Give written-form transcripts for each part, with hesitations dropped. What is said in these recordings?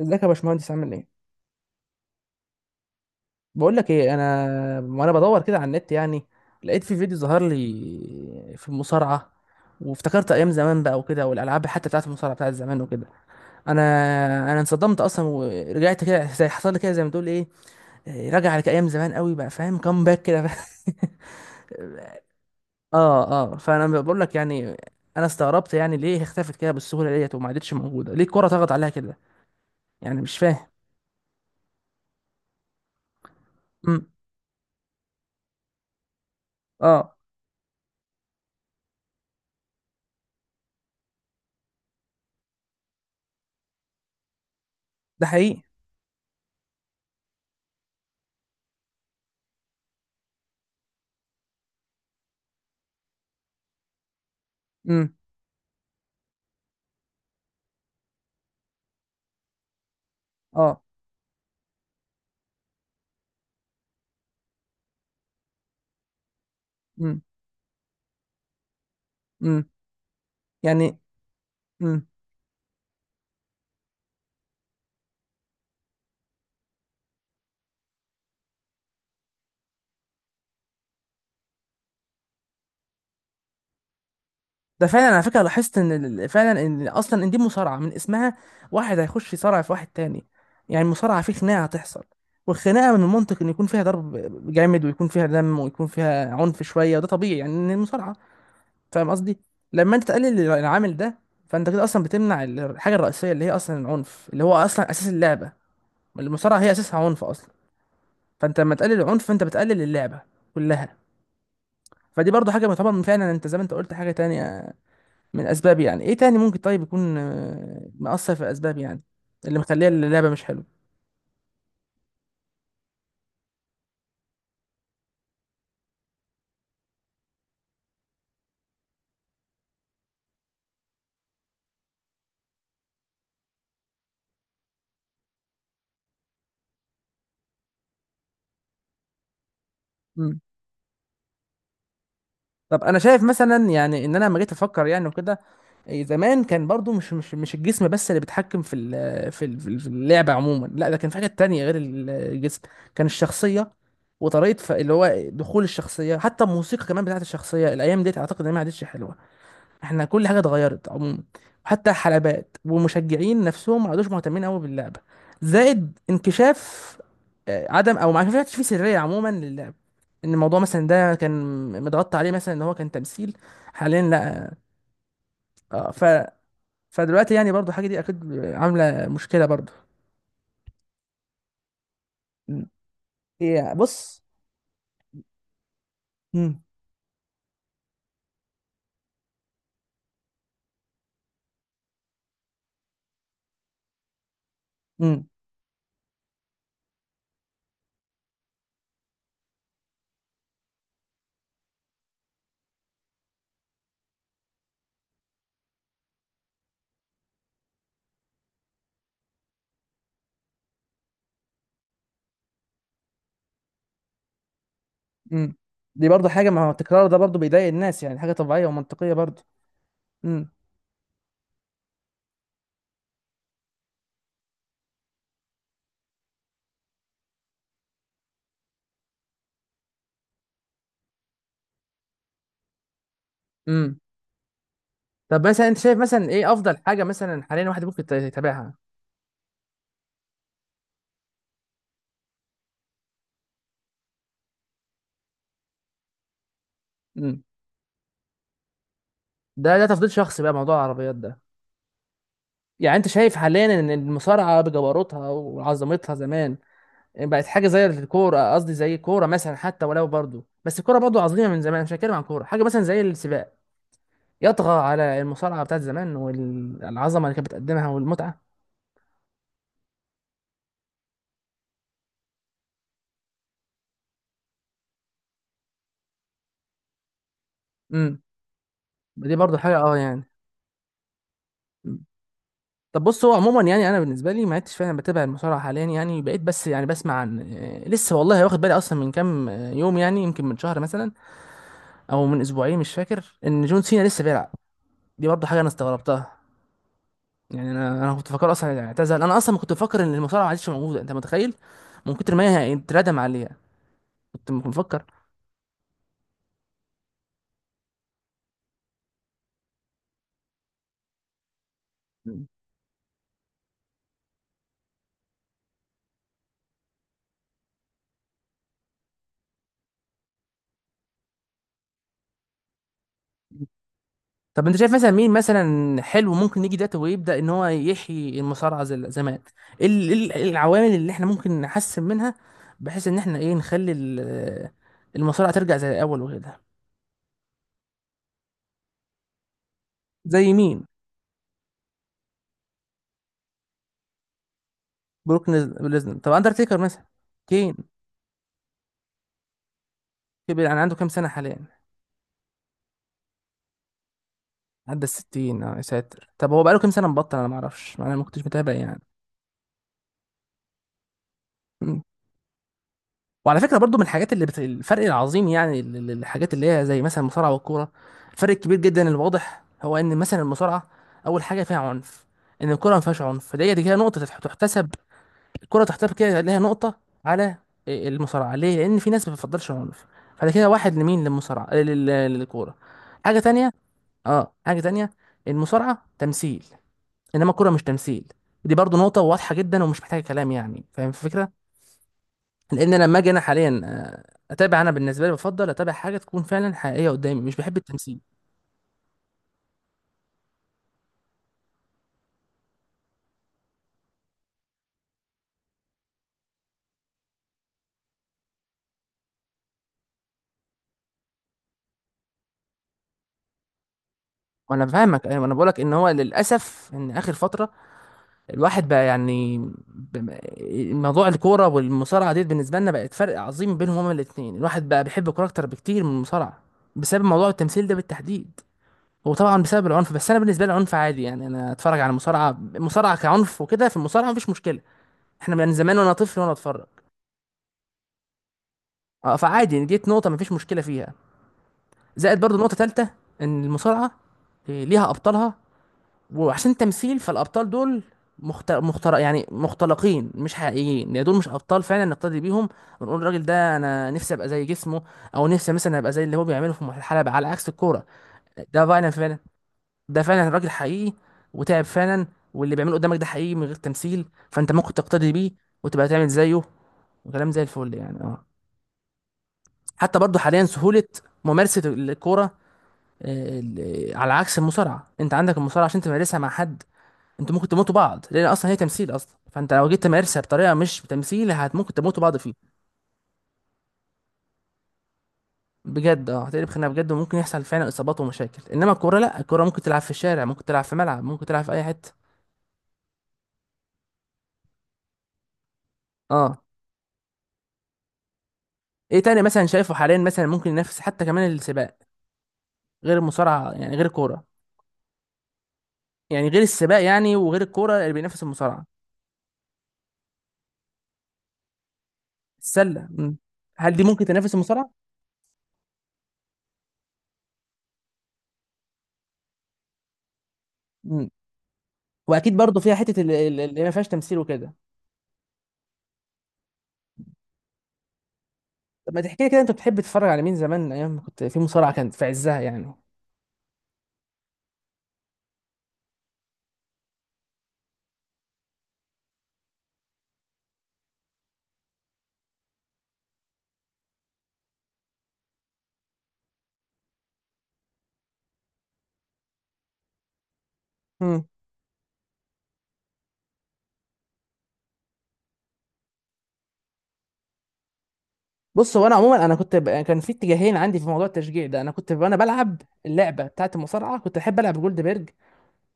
ازيك يا باشمهندس، عامل ايه؟ بقول لك ايه، وانا بدور كده على النت يعني. لقيت في فيديو ظهر لي في المصارعه، وافتكرت ايام زمان بقى وكده، والالعاب حتى بتاعت المصارعه بتاعت زمان وكده. انا انا انصدمت اصلا، ورجعت كده، زي حصل لي كده، زي ما تقول ايه، راجع على ايام زمان قوي بقى، فاهم باك كده. اه. اه، فانا بقول لك يعني، انا استغربت يعني، ليه اختفت كده بالسهوله ديت وما عادتش موجوده؟ ليه الكره طغت عليها كده؟ يعني مش فاهم. امم. اه. ده حقيقي. امم. اه. امم. يعني. امم. ده فعلا، على فكره لاحظت ان فعلا، ان اصلا ان دي مصارعه من اسمها، واحد هيخش يصارع في واحد تاني، يعني المصارعه في خناقه هتحصل. والخناقه من المنطق ان يكون فيها ضرب جامد، ويكون فيها دم، ويكون فيها عنف شويه، وده طبيعي يعني ان المصارعه، فاهم قصدي؟ لما انت تقلل العامل ده، فانت كده اصلا بتمنع الحاجه الرئيسيه اللي هي اصلا العنف، اللي هو اصلا اساس اللعبه. المصارعه هي اساسها عنف اصلا. فانت لما تقلل العنف، فانت بتقلل اللعبه كلها. فدي برضو حاجه تعتبر من، فعلا انت زي ما انت قلت، حاجه تانية من اسباب. يعني ايه تاني ممكن طيب يكون مأثر في الاسباب، يعني اللي مخليه اللعبه مش حلوه. مم. طب انا شايف مثلا يعني، ان انا لما جيت افكر يعني وكده، زمان كان برضو مش الجسم بس اللي بيتحكم في اللعبه عموما، لا ده كان في حاجات تانية غير الجسم. كان الشخصيه، وطريقه اللي هو دخول الشخصيه، حتى الموسيقى كمان بتاعت الشخصيه، الايام ديت اعتقد انها ما عادتش حلوه. احنا كل حاجه اتغيرت عموما، وحتى الحلبات والمشجعين نفسهم ما عادوش مهتمين قوي باللعبه. زائد انكشاف، عدم او ما كانش في سريه عموما للعب، ان الموضوع مثلا ده كان متغطى عليه مثلا ان هو كان تمثيل، حاليا لا. آه، ف فدلوقتي يعني برضو الحاجه دي اكيد عامله مشكله برضو. مم. بص. مم. مم. مم. دي برضو حاجه، ما هو التكرار ده برضو بيضايق الناس يعني، حاجه طبيعيه ومنطقيه برضو. مم. مم. طب مثلا انت شايف مثلا ايه افضل حاجه مثلا حاليا الواحد ممكن يتابعها؟ امم. ده تفضيل شخصي بقى، موضوع العربيات ده. يعني انت شايف حاليا ان المصارعه بجبروتها وعظمتها زمان بقت حاجه زي الكوره، قصدي زي الكوره مثلا، حتى ولو برضو، بس الكوره برضو عظيمه من زمان، مش هتكلم عن كوره، حاجه مثلا زي السباق يطغى على المصارعه بتاعت زمان والعظمه اللي كانت بتقدمها والمتعه؟ امم. دي برضو حاجه اه يعني. طب بص، هو عموما يعني انا بالنسبه لي ما عدتش فعلا بتابع المصارعه حاليا يعني، بقيت بس يعني بسمع عن، لسه والله واخد بالي اصلا من كام يوم يعني، يمكن من شهر مثلا، او من اسبوعين مش فاكر، ان جون سينا لسه بيلعب. دي برضه حاجه انا استغربتها. يعني انا كنت فاكر اصلا اعتزل، انا اصلا كنت فاكر ان المصارعه ما عادش موجوده، انت متخيل؟ من كتر ما هي اتردم عليها. كنت مفكر. طب انت شايف مثلا مين مثلا حلو ممكن يجي دلوقتي ويبدا ان هو يحيي المصارعه زي زمان؟ ايه ال- إيه ال- إيه العوامل اللي احنا ممكن نحسن منها؟ بحيث ان احنا ايه نخلي المصارعه ترجع زي الاول وكده. زي مين؟ بروك ليزنر. طب اندرتيكر مثلا؟ كين؟ كبر يعني، عنده كام سنه حاليا؟ عدى الستين؟ اه يا ساتر. طب هو بقاله كام سنه مبطل؟ انا ما اعرفش، انا ما كنتش متابع يعني. وعلى فكره برضو، من الحاجات اللي الفرق العظيم يعني الحاجات اللي هي زي مثلا المصارعه والكوره، الفرق الكبير جدا الواضح، هو ان مثلا المصارعه اول حاجه فيها عنف، ان الكوره ما فيهاش عنف، فدي كده نقطه تحتسب. الكوره تحتسب كده ليها نقطه على المصارعه، ليه؟ لان في ناس ما بتفضلش عنف. فده كده واحد لمين؟ للمصارعه للكوره. حاجه تانية، اه حاجه تانية، المصارعه تمثيل، انما الكوره مش تمثيل. دي برضو نقطه واضحه جدا ومش محتاجه كلام يعني، فاهم الفكره؟ لان انا لما اجي انا حاليا اتابع، انا بالنسبه لي بفضل اتابع حاجه تكون فعلا حقيقيه قدامي، مش بحب التمثيل. وانا فاهمك ايوه، انا بقولك ان هو للاسف ان اخر فتره الواحد بقى يعني، ب- موضوع الكوره والمصارعه دي بالنسبه لنا بقت فرق عظيم بينهم هما الاثنين، الواحد بقى بيحب الكوره اكتر بكتير من المصارعه، بسبب موضوع التمثيل ده بالتحديد. وطبعا بسبب العنف، بس انا بالنسبه لي العنف عادي يعني، انا اتفرج على المصارعه، المصارعه كعنف وكده في المصارعه مفيش مشكله، احنا من زمان وانا طفل وانا اتفرج. اه، فعادي، جيت نقطه مفيش مشكله فيها. زائد برضو نقطة تالتة، ان المصارعة ليها ابطالها، وعشان تمثيل فالابطال دول، يعني مختلقين مش حقيقيين، يعني دول مش ابطال فعلا نقتدي بيهم، ونقول الراجل ده انا نفسي ابقى زي جسمه، او نفسي مثلا ابقى زي اللي هو بيعمله في الحلبة، على عكس الكورة. ده فعلا فعلا، ده فعلا راجل حقيقي، وتعب فعلا، واللي بيعمله قدامك ده حقيقي من غير تمثيل، فانت ممكن تقتدي بيه، وتبقى تعمل زيه، وكلام زي الفل يعني، اه. حتى برضو حاليا سهولة ممارسة الكورة، على عكس المصارعه، انت عندك المصارعه عشان تمارسها مع حد، انتوا ممكن تموتوا بعض لان اصلا هي تمثيل اصلا، فانت لو جيت تمارسها بطريقه مش تمثيل، ممكن تموتوا بعض فيه. بجد، اه هتقلب خناقه بجد، وممكن يحصل فعلا اصابات ومشاكل، انما الكوره لا، الكوره ممكن تلعب في الشارع، ممكن تلعب في ملعب، ممكن تلعب في اي حته. اه. ايه تاني مثلا شايفه حاليا مثلا ممكن ينافس، حتى كمان السباق، غير المصارعه يعني، غير الكوره، يعني غير السباق يعني، وغير الكوره اللي بينافس المصارعه. السله؟ مم. هل دي ممكن تنافس المصارعه؟ مم. واكيد برضو فيها حته اللي ما فيهاش تمثيل وكده. طب ما تحكي لي كده، انت بتحب تتفرج على مين زمان ايام ما كنت في مصارعه كانت في عزها يعني؟ امم. بص، هو انا عموما، انا كنت كان في اتجاهين عندي في موضوع التشجيع ده، انا كنت وانا بلعب اللعبه بتاعه المصارعه كنت احب العب جولدبرج،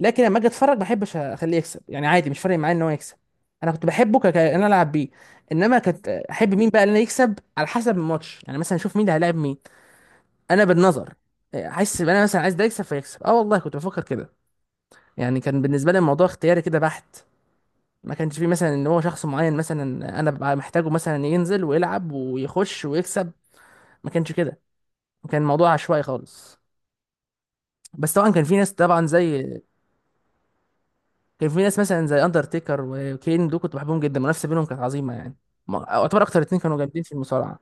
لكن لما اجي اتفرج ما احبش اخليه يكسب يعني، عادي مش فارق معايا ان هو يكسب، انا كنت بحبه ان انا العب بيه. انما كنت احب مين بقى ان انا يكسب على حسب الماتش، يعني مثلا اشوف مين اللي هيلاعب مين، انا بالنظر احس ان انا مثلا عايز ده يكسب فيكسب، اه والله كنت بفكر كده. يعني كان بالنسبه لي الموضوع اختياري كده بحت، ما كانش فيه مثلا ان هو شخص معين مثلا انا ببقى محتاجه مثلا ينزل ويلعب ويخش ويكسب، ما كانش كده، كان الموضوع عشوائي خالص. بس طبعا كان في ناس طبعا زي، كان في ناس مثلا زي اندرتيكر وكين دول كنت بحبهم جدا، المنافسه بينهم كانت عظيمه يعني، اعتبر اكتر اتنين كانوا جامدين في المصارعه.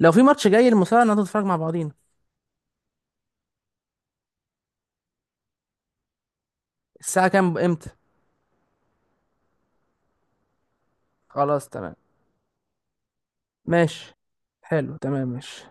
لو في ماتش جاي المصارعه نقعد نتفرج مع بعضينا. الساعه كام، امتى؟ خلاص تمام ماشي. حلو تمام ماشي.